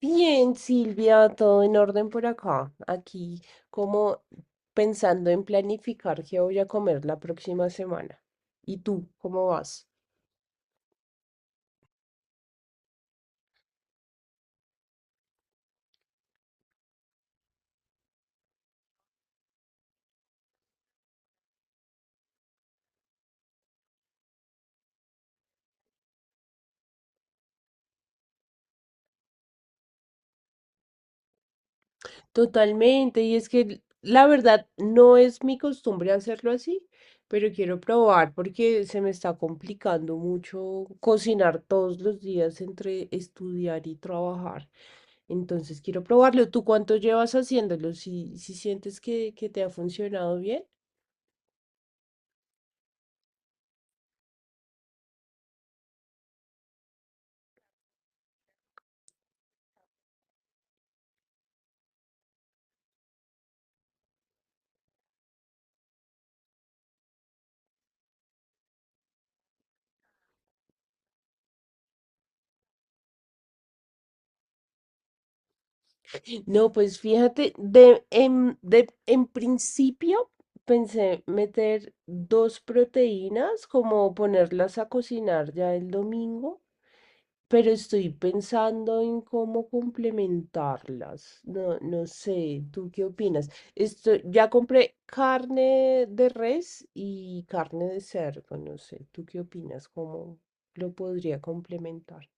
Bien, Silvia, todo en orden por acá. Aquí como pensando en planificar qué voy a comer la próxima semana. ¿Y tú, cómo vas? Totalmente, y es que la verdad no es mi costumbre hacerlo así, pero quiero probar porque se me está complicando mucho cocinar todos los días entre estudiar y trabajar. Entonces quiero probarlo. ¿Tú cuánto llevas haciéndolo? Si sientes que te ha funcionado bien. No, pues fíjate, en principio pensé meter dos proteínas, como ponerlas a cocinar ya el domingo, pero estoy pensando en cómo complementarlas. No sé, ¿tú qué opinas? Esto, ya compré carne de res y carne de cerdo, no sé, ¿tú qué opinas? ¿Cómo lo podría complementar?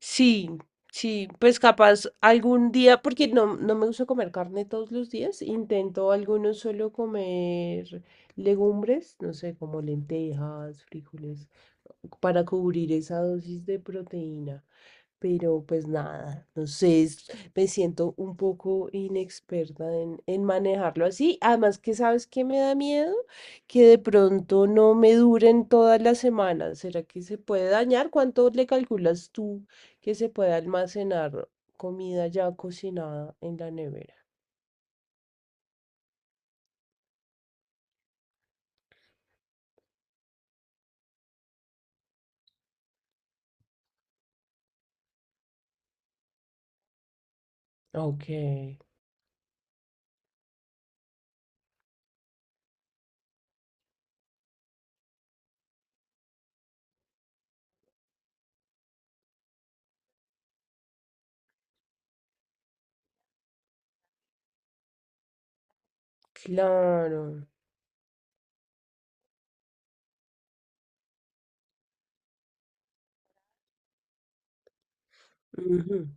Sí, sí, pues capaz algún día, porque no me gusta comer carne todos los días, intento algunos solo comer legumbres, no sé, como lentejas, frijoles, para cubrir esa dosis de proteína. Pero pues nada, no sé, me siento un poco inexperta en manejarlo así. Además que sabes que me da miedo que de pronto no me duren todas las semanas. ¿Será que se puede dañar? ¿Cuánto le calculas tú que se puede almacenar comida ya cocinada en la nevera? Ok, claro. Ujú.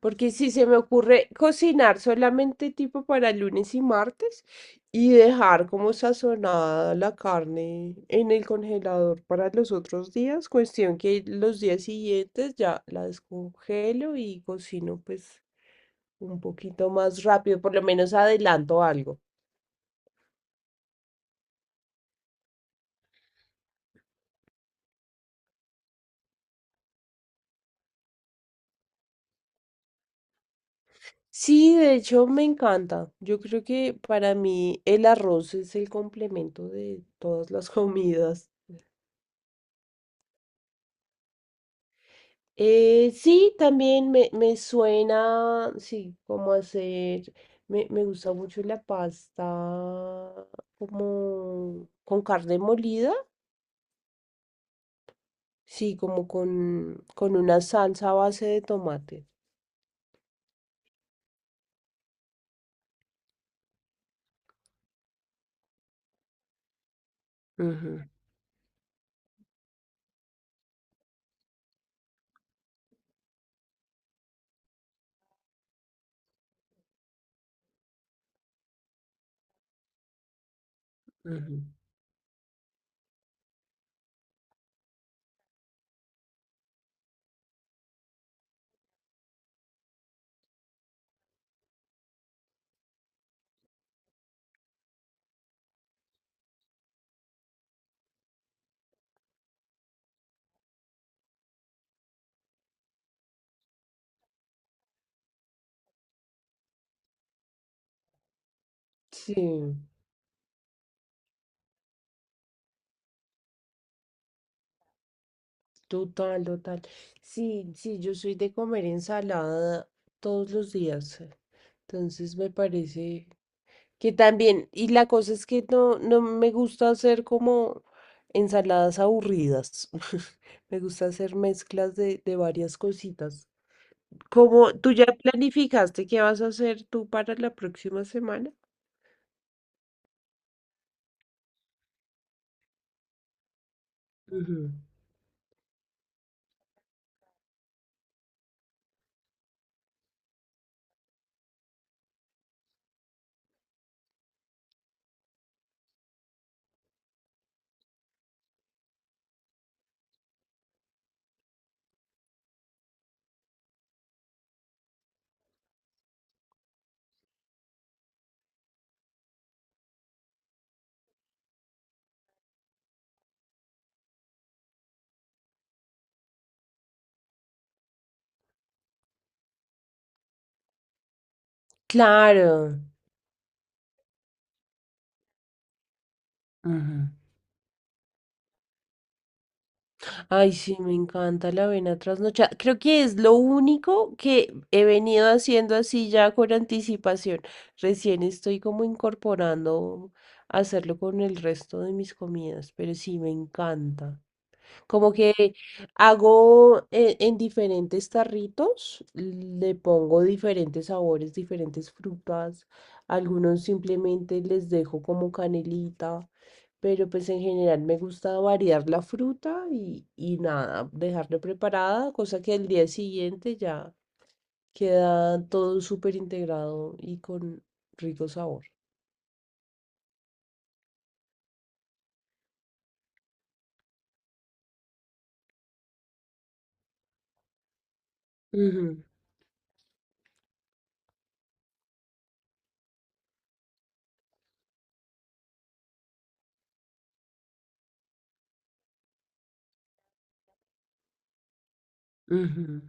Porque si se me ocurre cocinar solamente tipo para lunes y martes y dejar como sazonada la carne en el congelador para los otros días, cuestión que los días siguientes ya la descongelo y cocino pues un poquito más rápido, por lo menos adelanto algo. Sí, de hecho me encanta. Yo creo que para mí el arroz es el complemento de todas las comidas. Sí, también me suena, sí, como hacer, me gusta mucho la pasta como con carne molida, sí, como con una salsa a base de tomate. Ujú, ujú. Sí, total, total. Sí, sí, yo soy de comer ensalada todos los días, entonces me parece que también, y la cosa es que no me gusta hacer como ensaladas aburridas. Me gusta hacer mezclas de varias cositas. ¿Como tú ya planificaste qué vas a hacer tú para la próxima semana? Ujú. Claro. Ujú. Ay, sí, me encanta la avena trasnochada. Creo que es lo único que he venido haciendo así ya con anticipación. Recién estoy como incorporando hacerlo con el resto de mis comidas, pero sí, me encanta. Como que hago diferentes tarritos, le pongo diferentes sabores, diferentes frutas. Algunos simplemente les dejo como canelita, pero pues en general me gusta variar la fruta y nada, dejarla preparada, cosa que al día siguiente ya queda todo súper integrado y con rico sabor. Ujú, ujú.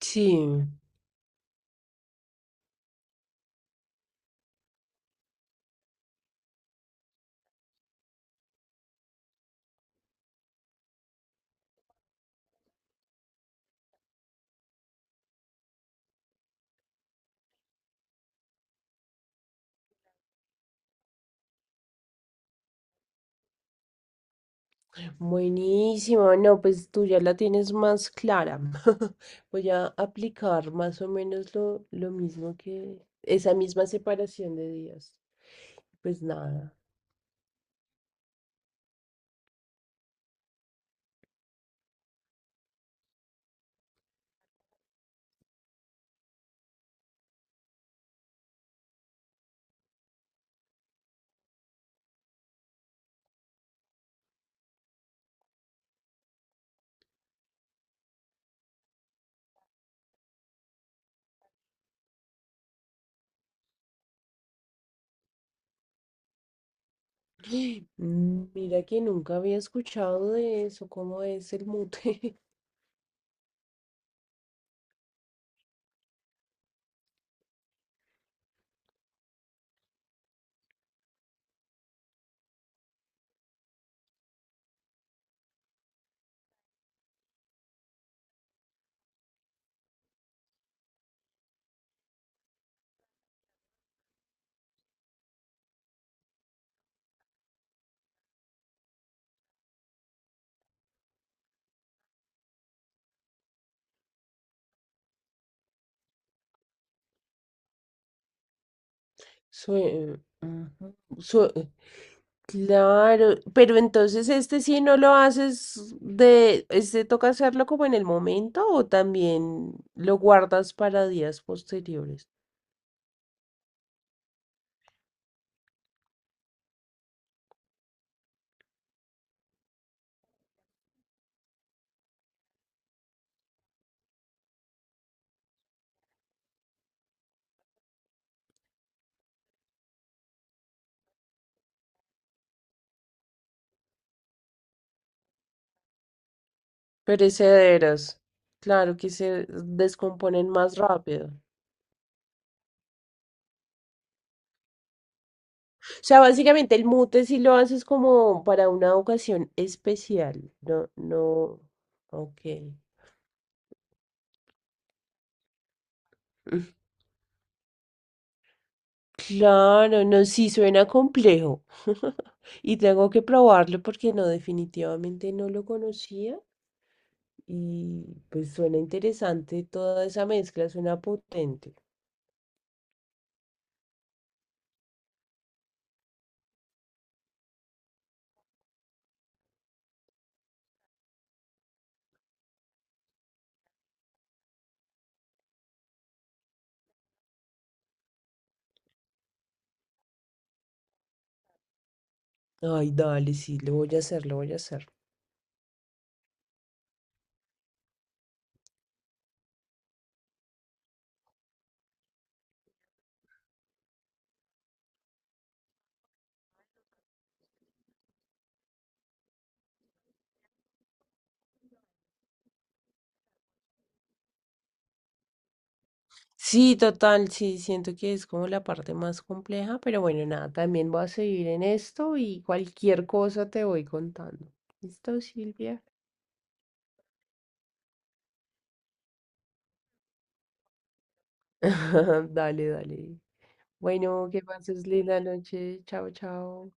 Sí. Buenísimo, no, pues tú ya la tienes más clara. Voy a aplicar más o menos lo mismo que esa misma separación de días. Pues nada, mm, mira que nunca había escuchado de eso, cómo es el mute. Sue- ujú, sue- claro, pero entonces este sí no lo haces este toca hacerlo como en el momento o también lo guardas para días posteriores. Perecederas. Claro que se descomponen más rápido. O sea, básicamente el mute si lo haces como para una ocasión especial. No, no. Ok. Claro, no, sí suena complejo. Y tengo que probarlo porque no, definitivamente no lo conocía. Y pues suena interesante toda esa mezcla, suena potente. Ay, dale, sí, lo voy a hacer, lo voy a hacer. Sí, total, sí, siento que es como la parte más compleja, pero bueno, nada, también voy a seguir en esto y cualquier cosa te voy contando. ¿Listo, Silvia? Dale, dale. Bueno, que pases linda noche. Chao, chao.